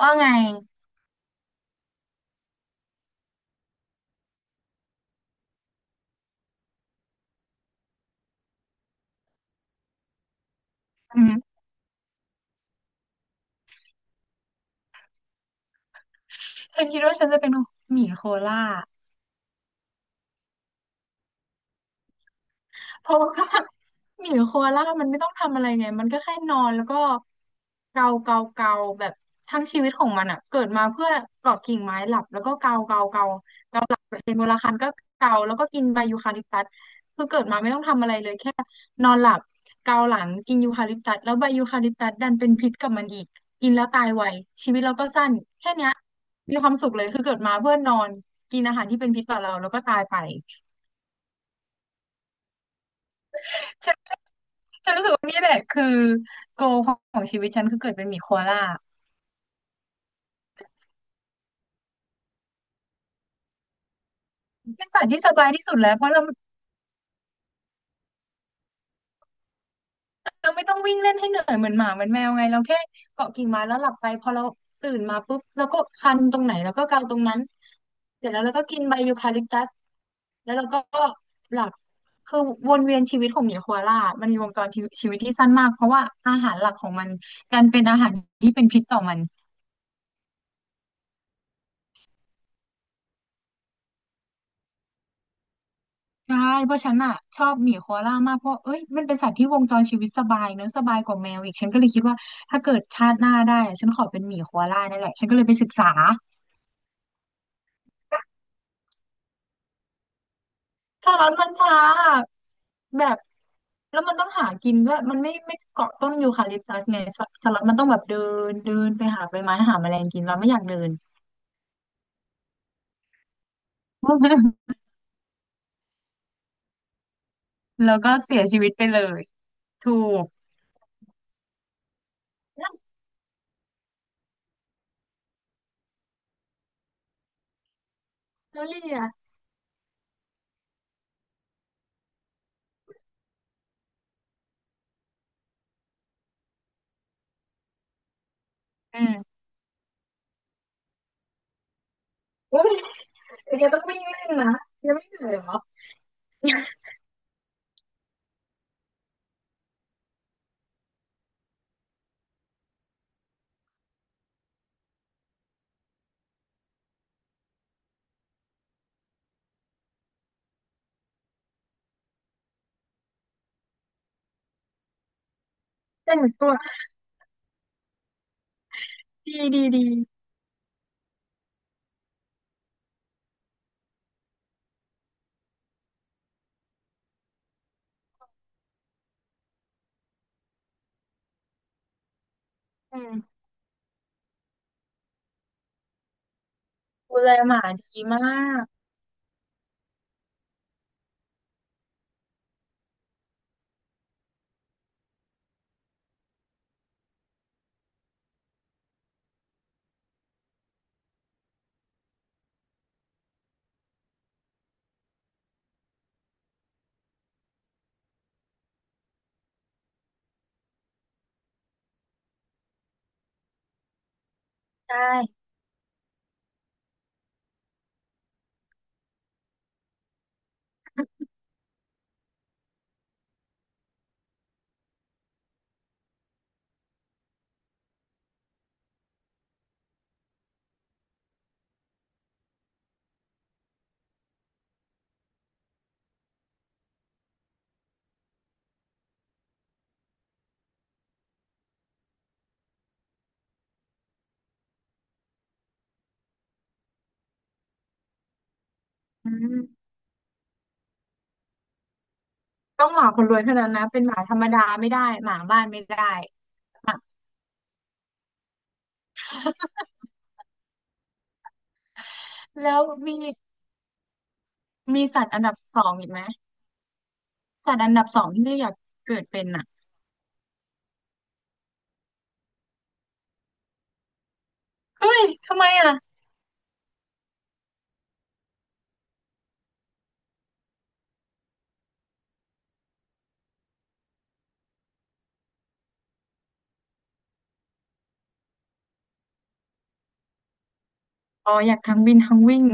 ว่าไงอืมเธอคิดว่าฉันจะเป็นหมีโคล่า เพราะว่าหมีโคอาล่ามันไม่ต้องทำอะไรไงมันก็แค่นอนแล้วก็เกาเกาเกาแบบทั้งชีวิตของมันอ่ะเกิดมาเพื่อเกาะกิ่งไม้หลับแล้วก็เกาเกาเกาเกาหลับเองเวลาคันก็เกาแล้วก็กินใบยูคาลิปตัสคือเกิดมาไม่ต้องทำอะไรเลยแค่นอนหลับเกาหลังกินยูคาลิปตัสแล้วใบยูคาลิปตัสดันเป็นพิษกับมันอีกกินแล้วตายไวชีวิตเราก็สั้นแค่เนี้ยมีความสุขเลยคือเกิดมาเพื่อนอนกินอาหารที่เป็นพิษต่อเราแล้วก็ตายไป ฉันฉันรู้สึกว่านี่แหละคือโกของชีวิตฉันคือเกิดเป็นหมีโคอาล่าเป็นสัตว์ที่สบายที่สุดแล้วเพราะเราไม่ต้องวิ่งเล่นให้เหนื่อยเหมือนหมาเหมือนแมวไงเราแค่เกาะกิ่งไม้แล้วหลับไปพอเราตื่นมาปุ๊บเราก็คันตรงไหนเราก็เกาตรงนั้นเสร็จแล้วเราก็กินใบยูคาลิปตัสแล้วเราก็หลับคือวนเวียนชีวิตของหมีโคอาล่ามันมีวงจรชีวิตที่สั้นมากเพราะว่าอาหารหลักของมันดันเป็นอาหารที่เป็นพิษต่อมัน ใช่เพราะฉันอ่ะชอบหมีโคอาล่ามากเพราะเอ้ยมันเป็นสัตว์ที่วงจรชีวิตสบายเนอะสบายกว่าแมวอีกฉันก็เลยคิดว่าถ้าเกิดชาติหน้าได้อะฉันขอเป็นหมีโคอาล่านั่นแหละฉันก็เลยไปศึกษาแล้มันช้าแบบแล้วมันต้องหากินด้วยมันไม่เกาะต้นยูคาลิปตัสไงสสลันมันต้องแบบเดินเดินไปหาใบไม้หาแมลงกินเราไม่อยากเดิน แล้วก็เสียชีวิตไปเลยถูกแลนวลี่อะอืม โอ้ยเดี๋ยวต้องวิ่งเล่นนะยังไม่เหนื่อยเหรอแต่งตัว ดีดีดีอืมดูแลหมาดีมากใช่อืมต้องหมาคนรวยเท่านั้นนะเป็นหมาธรรมดาไม่ได้หมาบ้านไม่ได้หมาแล้วมีสัตว์อันดับสองอีกไหมสัตว์อันดับสองที่อยากเกิดเป็นอ่ะเฮ้ยทำไมอ่ะอ๋ออยากทั้งบินทั้งวิ่ง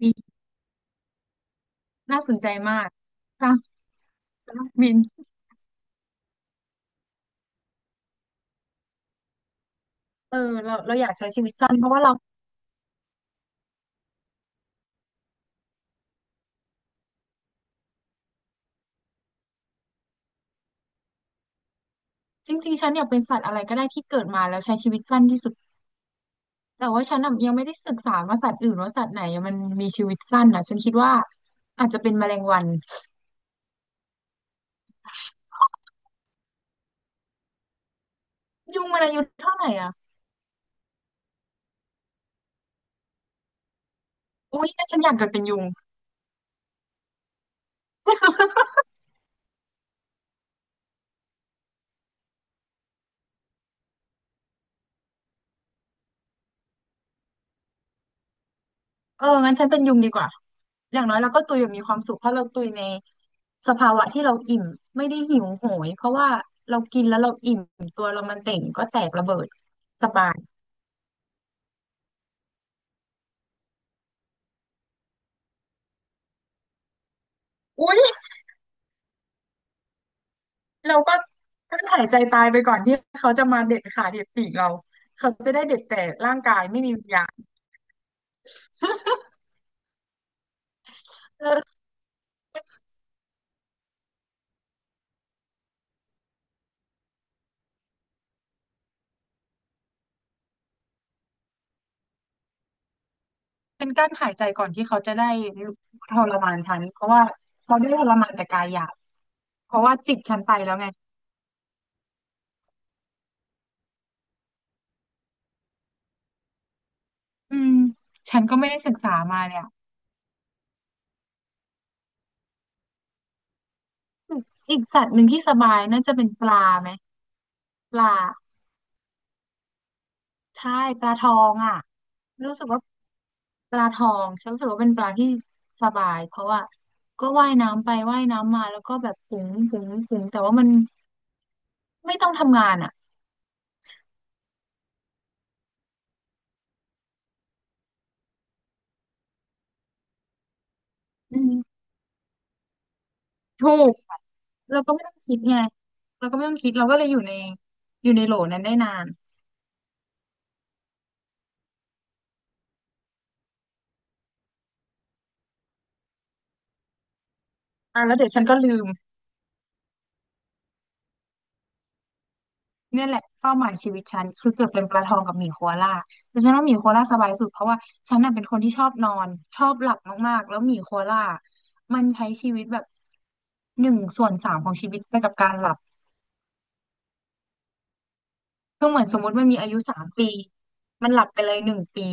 ดีน่าสนใจมากทั้งบินเออเราอยากใช้ชีวิตสั้นเพราะว่าเราจริงๆฉันอยากเป็นสัตว์อะไรก็ได้ที่เกิดมาแล้วใช้ชีวิตสั้นที่สุด แต่ว่าฉันน่ะยังไม่ได้ศึกษาว่าสัตว์อื่นว่าสัตว์ไหนมันมีชีวิตสั้นนะฉันคิดว่าอาจจะเป็นแมลงวันยุงมันอายุเท่าไหร่อ่ะอุ้ยงั้นฉันอยากเกิดเป็นยุง เอองั้นฉันเป็นยุงดีกว่าอย่างน้อยเราก็ตุยแบบมีความสุขเพราะเราตุยในสภาวะที่เราอิ่มไม่ได้หิวโหยเพราะว่าเรากินแล้วเราอิ่มตัวเรามันเต่งก็แตกระเบิดสบายอุ้ยเราก็กั้นหายใจตายไปก่อนที่เขาจะมาเด็ดขาเด็ดปีกเราเขาจะได้เด็ดแต่ร่างกายไม่มีวิญญาณเออ เป็นกั้นหายใจก่อนที่เขาจะได้ทรมานฉันเพราะว่าเขาได้ทรมานแต่กายหยาบเพราะว่าจิตฉันไปแล้วไงอืมฉันก็ไม่ได้ศึกษามาเนี่ยอะอีกสัตว์หนึ่งที่สบายน่าจะเป็นปลาไหมปลาใช่ปลาทองอ่ะรู้สึกว่าปลาทองฉันรู้สึกว่าเป็นปลาที่สบายเพราะว่าก็ว่ายน้ำไปว่ายน้ำมาแล้วก็แบบปุ๋งปุ๋งปุ๋งแต่ว่ามันไม่ต้องทำงานอ่ะอืม ถูกเราก็ไม่ต้องคิดไงเราก็ไม่ต้องคิด เราก็เลยอยู่ในโหลนั้นได้นานอ่ะแล้วเดี๋ยวฉันก็ลืมเนี่ยแหละเป้าหมายชีวิตฉันคือเกิดเป็นปลาทองกับหมีโคอาล่าแต่ฉันว่าหมีโคอาล่าสบายสุดเพราะว่าฉันน่ะเป็นคนที่ชอบนอนชอบหลับมากๆแล้วหมีโคอาล่ามันใช้ชีวิตแบบ1/3ของชีวิตไปกับการหลับคือเหมือนสมมติมันมีอายุ3 ปีมันหลับไปเลย1 ปี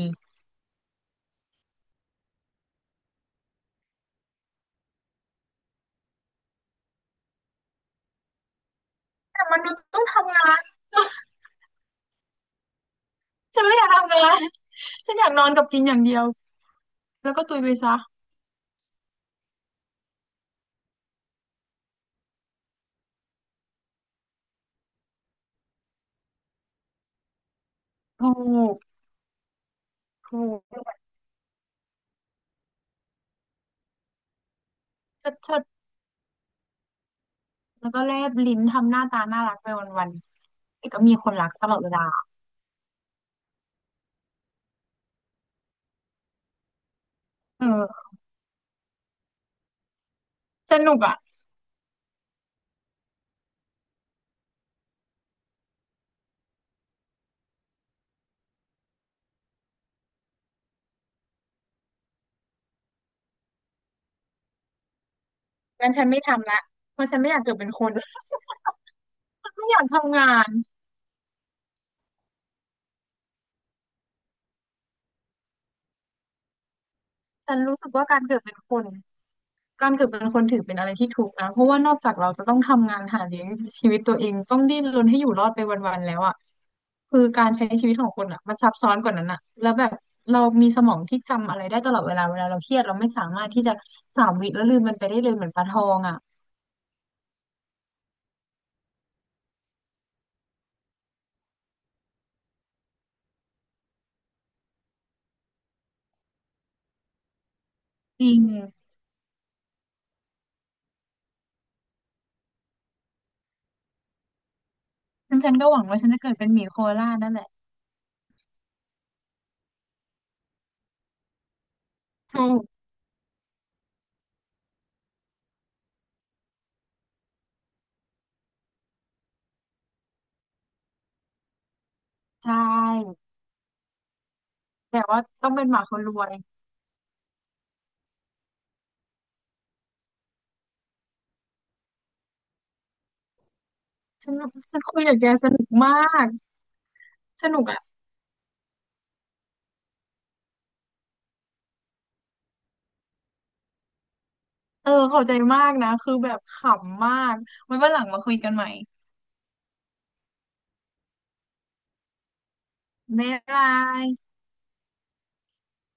แต่มันษย์ต้องทำงาน ฉันไม่อยากทำงานฉันอยากนอนกับกินอย่างเดียวแล้วก็ตุยไปซะ ถูกถูกเชิดเชิดแล้วก็แลบลิ้นทำหน้าตาน่ารักไปวันๆแต่ก็มีคนรักตลอดเวลาเออสนุกอ่ะงั้นฉันไม่ทำละเพราะฉันไม่อยากเกิดเป็นคน ฉันไม่อยากทำงานฉันรู้สึกว่าการเกิดเป็นคน การเกิดเป็นคนถือเป็นอะไรที่ทุกข์นะเพราะว่านอกจากเราจะต้องทำงานหาเลี้ยงชีวิตตัวเองต้องดิ้นรนให้อยู่รอดไปวันๆแล้วอ่ะคือการใช้ชีวิตของคนอ่ะมันซับซ้อนกว่านั้นอ่ะแล้วแบบเรามีสมองที่จำอะไรได้ตลอดเวลาเวลาเราเครียดเราไม่สามารถที่จะ3 วิแล้วลืมมันไปได้เลยเหมือนปลาทองอ่ะจริงฉันก็หวังว่าฉันจะเกิดเป็นหมีโคอาล่านั่นแหละถูกใช่แต่ว่าต้องเป็นหมาคนรวยฉันฉันคุยกับแกสนุกมากสนุก เออขอบใจมากนะคือแบบขำมากไว้วันหลังมาคุยกันใหม่บ๊ายบาย